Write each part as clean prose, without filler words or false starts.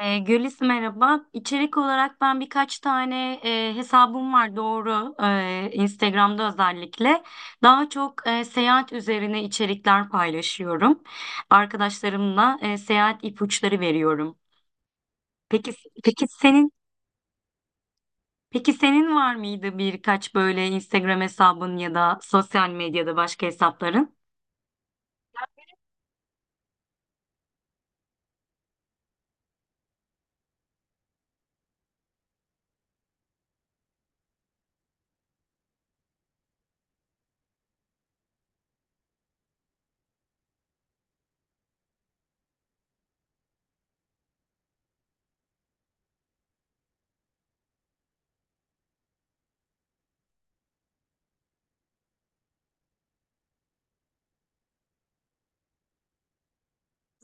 Gülis merhaba. İçerik olarak ben birkaç tane hesabım var doğru. Instagram'da özellikle. Daha çok seyahat üzerine içerikler paylaşıyorum. Arkadaşlarımla seyahat ipuçları veriyorum. Peki peki senin peki senin var mıydı birkaç böyle Instagram hesabın ya da sosyal medyada başka hesapların?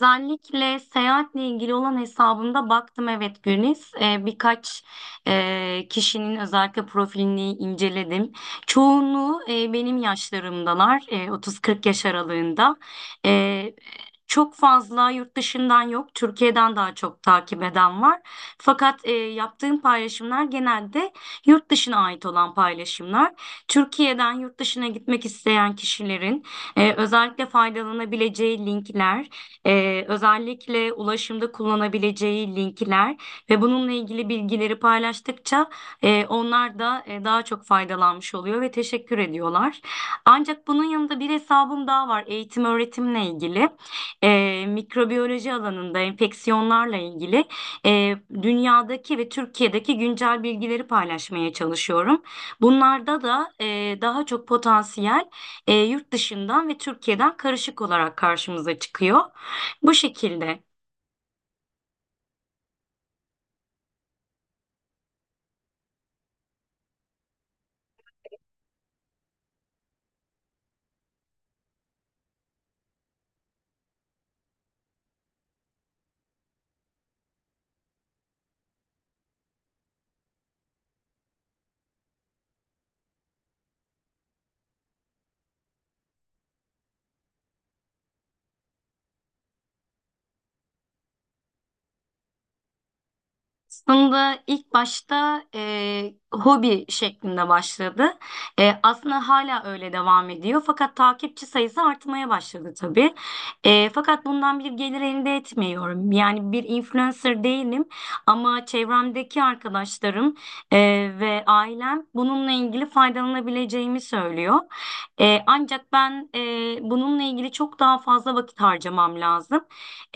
Özellikle seyahatle ilgili olan hesabımda baktım, evet Güliz. Birkaç kişinin özellikle profilini inceledim. Çoğunluğu benim yaşlarımdalar, 30-40 yaş aralığında. E, Çok fazla yurt dışından yok, Türkiye'den daha çok takip eden var. Fakat yaptığım paylaşımlar genelde yurt dışına ait olan paylaşımlar. Türkiye'den yurt dışına gitmek isteyen kişilerin özellikle faydalanabileceği linkler. Özellikle ulaşımda kullanabileceği linkler ve bununla ilgili bilgileri paylaştıkça onlar da daha çok faydalanmış oluyor ve teşekkür ediyorlar. Ancak bunun yanında bir hesabım daha var, eğitim öğretimle ilgili. Mikrobiyoloji alanında enfeksiyonlarla ilgili e, dünyadaki ve Türkiye'deki güncel bilgileri paylaşmaya çalışıyorum. Bunlarda da daha çok potansiyel yurt dışından ve Türkiye'den karışık olarak karşımıza çıkıyor. Bu şekilde. Aslında ilk başta hobi şeklinde başladı. Aslında hala öyle devam ediyor. Fakat takipçi sayısı artmaya başladı tabii. Fakat bundan bir gelir elde etmiyorum. Yani bir influencer değilim, ama çevremdeki arkadaşlarım e, ve ailem bununla ilgili faydalanabileceğimi söylüyor. Ancak ben bununla ilgili çok daha fazla vakit harcamam lazım.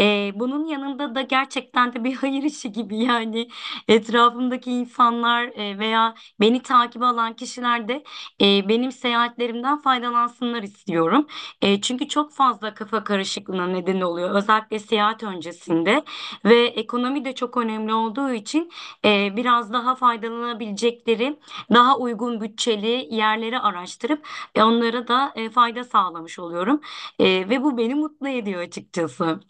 Bunun yanında da gerçekten de bir hayır işi gibi, yani etrafımdaki insanlar veya beni takip alan kişiler de benim seyahatlerimden faydalansınlar istiyorum. Çünkü çok fazla kafa karışıklığına neden oluyor özellikle seyahat öncesinde, ve ekonomi de çok önemli olduğu için biraz daha faydalanabilecekleri daha uygun bütçeli yerleri araştırıp onlara da fayda sağlamış oluyorum. Ve bu beni mutlu ediyor açıkçası.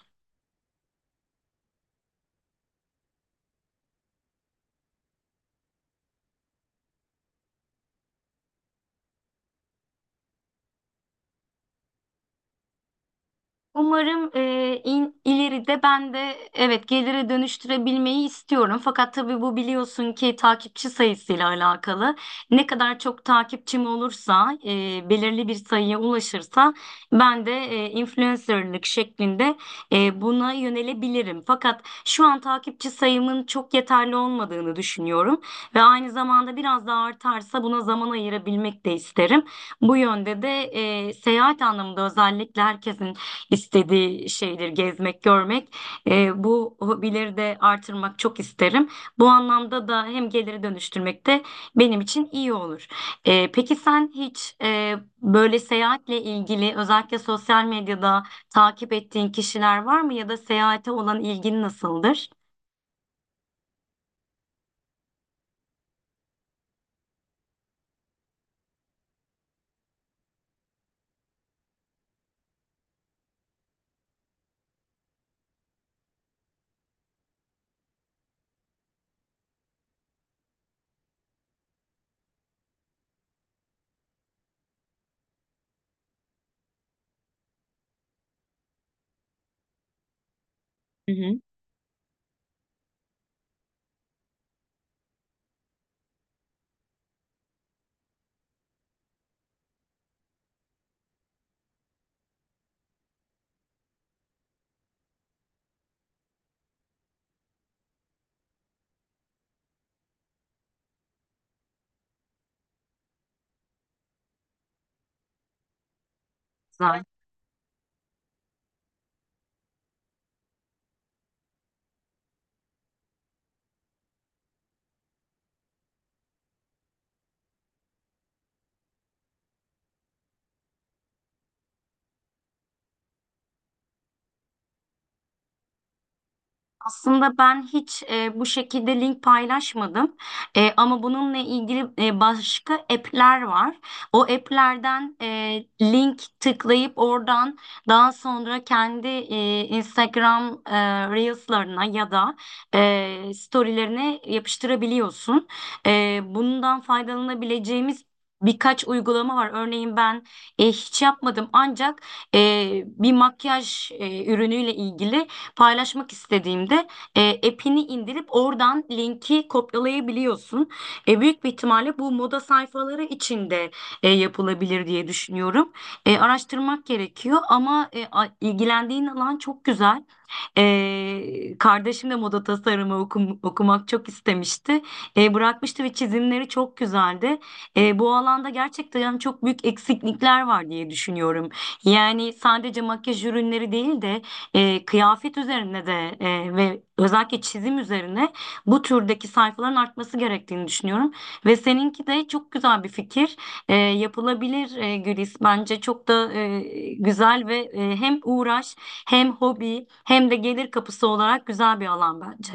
Umarım ileride ben de, evet, gelire dönüştürebilmeyi istiyorum. Fakat tabii bu biliyorsun ki takipçi sayısıyla alakalı. Ne kadar çok takipçim olursa, belirli bir sayıya ulaşırsa, ben de influencerlık şeklinde buna yönelebilirim. Fakat şu an takipçi sayımın çok yeterli olmadığını düşünüyorum ve aynı zamanda biraz daha artarsa buna zaman ayırabilmek de isterim. Bu yönde de seyahat anlamında özellikle herkesin istediği şeydir gezmek, görmek. Bu hobileri de artırmak çok isterim. Bu anlamda da hem geliri dönüştürmek de benim için iyi olur. Peki sen hiç böyle seyahatle ilgili özellikle sosyal medyada takip ettiğin kişiler var mı ya da seyahate olan ilgin nasıldır? Hı hı. Güzel. Aslında ben hiç bu şekilde link paylaşmadım. Ama bununla ilgili başka app'ler var. O app'lerden link tıklayıp oradan daha sonra kendi Instagram Reels'larına ya da story'lerine yapıştırabiliyorsun. Bundan faydalanabileceğimiz birkaç uygulama var. Örneğin ben hiç yapmadım, ancak bir makyaj ürünüyle ilgili paylaşmak istediğimde app'ini indirip oradan linki kopyalayabiliyorsun. Büyük bir ihtimalle bu moda sayfaları içinde yapılabilir diye düşünüyorum. Araştırmak gerekiyor ama ilgilendiğin alan çok güzel. Kardeşim de moda tasarımı okumak çok istemişti. Bırakmıştı ve çizimleri çok güzeldi. Bu alanda gerçekten yani çok büyük eksiklikler var diye düşünüyorum. Yani sadece makyaj ürünleri değil de kıyafet üzerine de ve özellikle çizim üzerine bu türdeki sayfaların artması gerektiğini düşünüyorum. Ve seninki de çok güzel bir fikir. Yapılabilir Gülis. Bence çok da güzel ve hem uğraş, hem hobi, hem de gelir kapısı olarak güzel bir alan bence.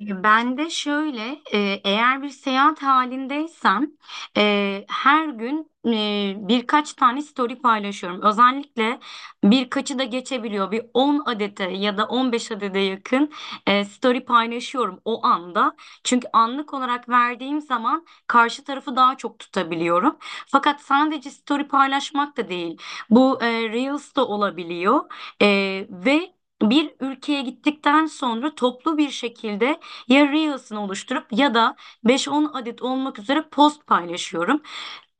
Ben de şöyle, eğer bir seyahat halindeysem her gün birkaç tane story paylaşıyorum. Özellikle birkaçı da geçebiliyor. Bir 10 adete ya da 15 adede yakın story paylaşıyorum o anda. Çünkü anlık olarak verdiğim zaman karşı tarafı daha çok tutabiliyorum. Fakat sadece story paylaşmak da değil. Bu Reels da olabiliyor. E, ve bir ülkeye gittikten sonra toplu bir şekilde ya Reels'ını oluşturup ya da 5-10 adet olmak üzere post paylaşıyorum.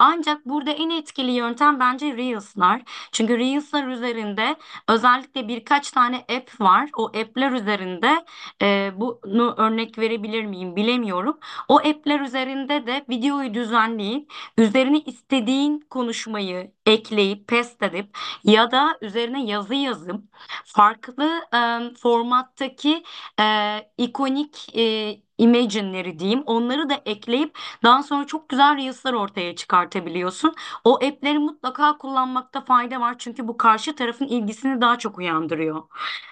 Ancak burada en etkili yöntem bence Reels'lar. Çünkü Reels'lar üzerinde özellikle birkaç tane app var. O app'ler üzerinde bunu örnek verebilir miyim bilemiyorum. O app'ler üzerinde de videoyu düzenleyip üzerine istediğin konuşmayı ekleyip paste edip ya da üzerine yazı yazıp farklı formattaki ikonik imagine'leri diyeyim, onları da ekleyip daha sonra çok güzel reels'lar ortaya çıkartabiliyorsun. O app'leri mutlaka kullanmakta fayda var. Çünkü bu karşı tarafın ilgisini daha çok uyandırıyor.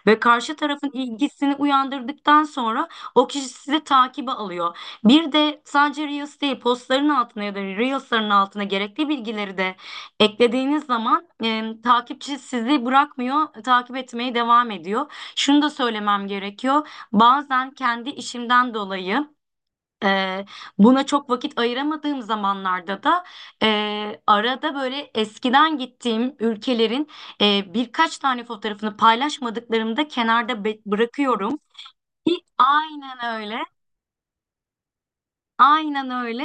Ve karşı tarafın ilgisini uyandırdıktan sonra o kişi sizi takibe alıyor. Bir de sadece reels değil, postların altına ya da reels'ların altına gerekli bilgileri de eklediğiniz zaman takipçi sizi bırakmıyor, takip etmeye devam ediyor. Şunu da söylemem gerekiyor. Bazen kendi işimden dolayı ee, buna çok vakit ayıramadığım zamanlarda da arada böyle eskiden gittiğim ülkelerin birkaç tane fotoğrafını paylaşmadıklarımda kenarda bırakıyorum. Ki aynen öyle. Aynen öyle.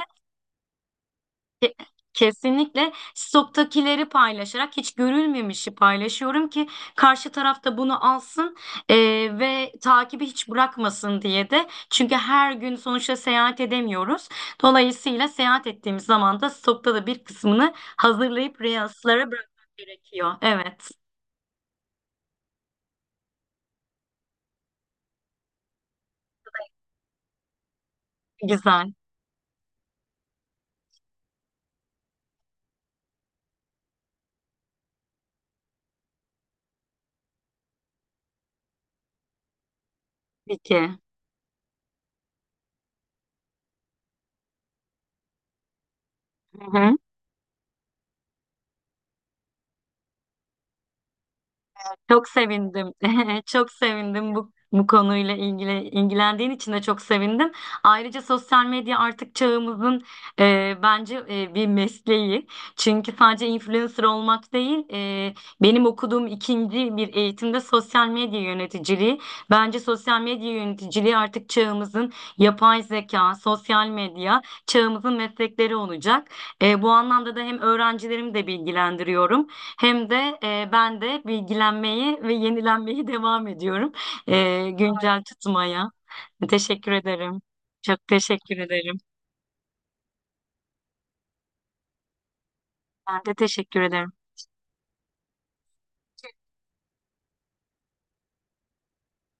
Ke- Kesinlikle stoktakileri paylaşarak hiç görülmemişi paylaşıyorum ki karşı tarafta bunu alsın e, ve takibi hiç bırakmasın diye de. Çünkü her gün sonuçta seyahat edemiyoruz. Dolayısıyla seyahat ettiğimiz zaman da stokta da bir kısmını hazırlayıp Reels'lara bırakmak gerekiyor. Evet, güzel. Peki. Hı hı. Çok sevindim. Çok sevindim, bu konuyla ilgili ilgilendiğin için de çok sevindim. Ayrıca sosyal medya artık çağımızın bence bir mesleği. Çünkü sadece influencer olmak değil, benim okuduğum ikinci bir eğitimde sosyal medya yöneticiliği. Bence sosyal medya yöneticiliği artık çağımızın, yapay zeka, sosyal medya çağımızın meslekleri olacak. Bu anlamda da hem öğrencilerimi de bilgilendiriyorum, hem de ben de bilgilenmeyi ve yenilenmeyi devam ediyorum. Güncel tutmaya. Teşekkür ederim. Çok teşekkür ederim. Ben de teşekkür ederim.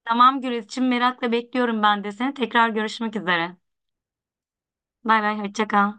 Tamam Gürizciğim, merakla bekliyorum ben de seni. Tekrar görüşmek üzere. Bay bay, hoşça kal.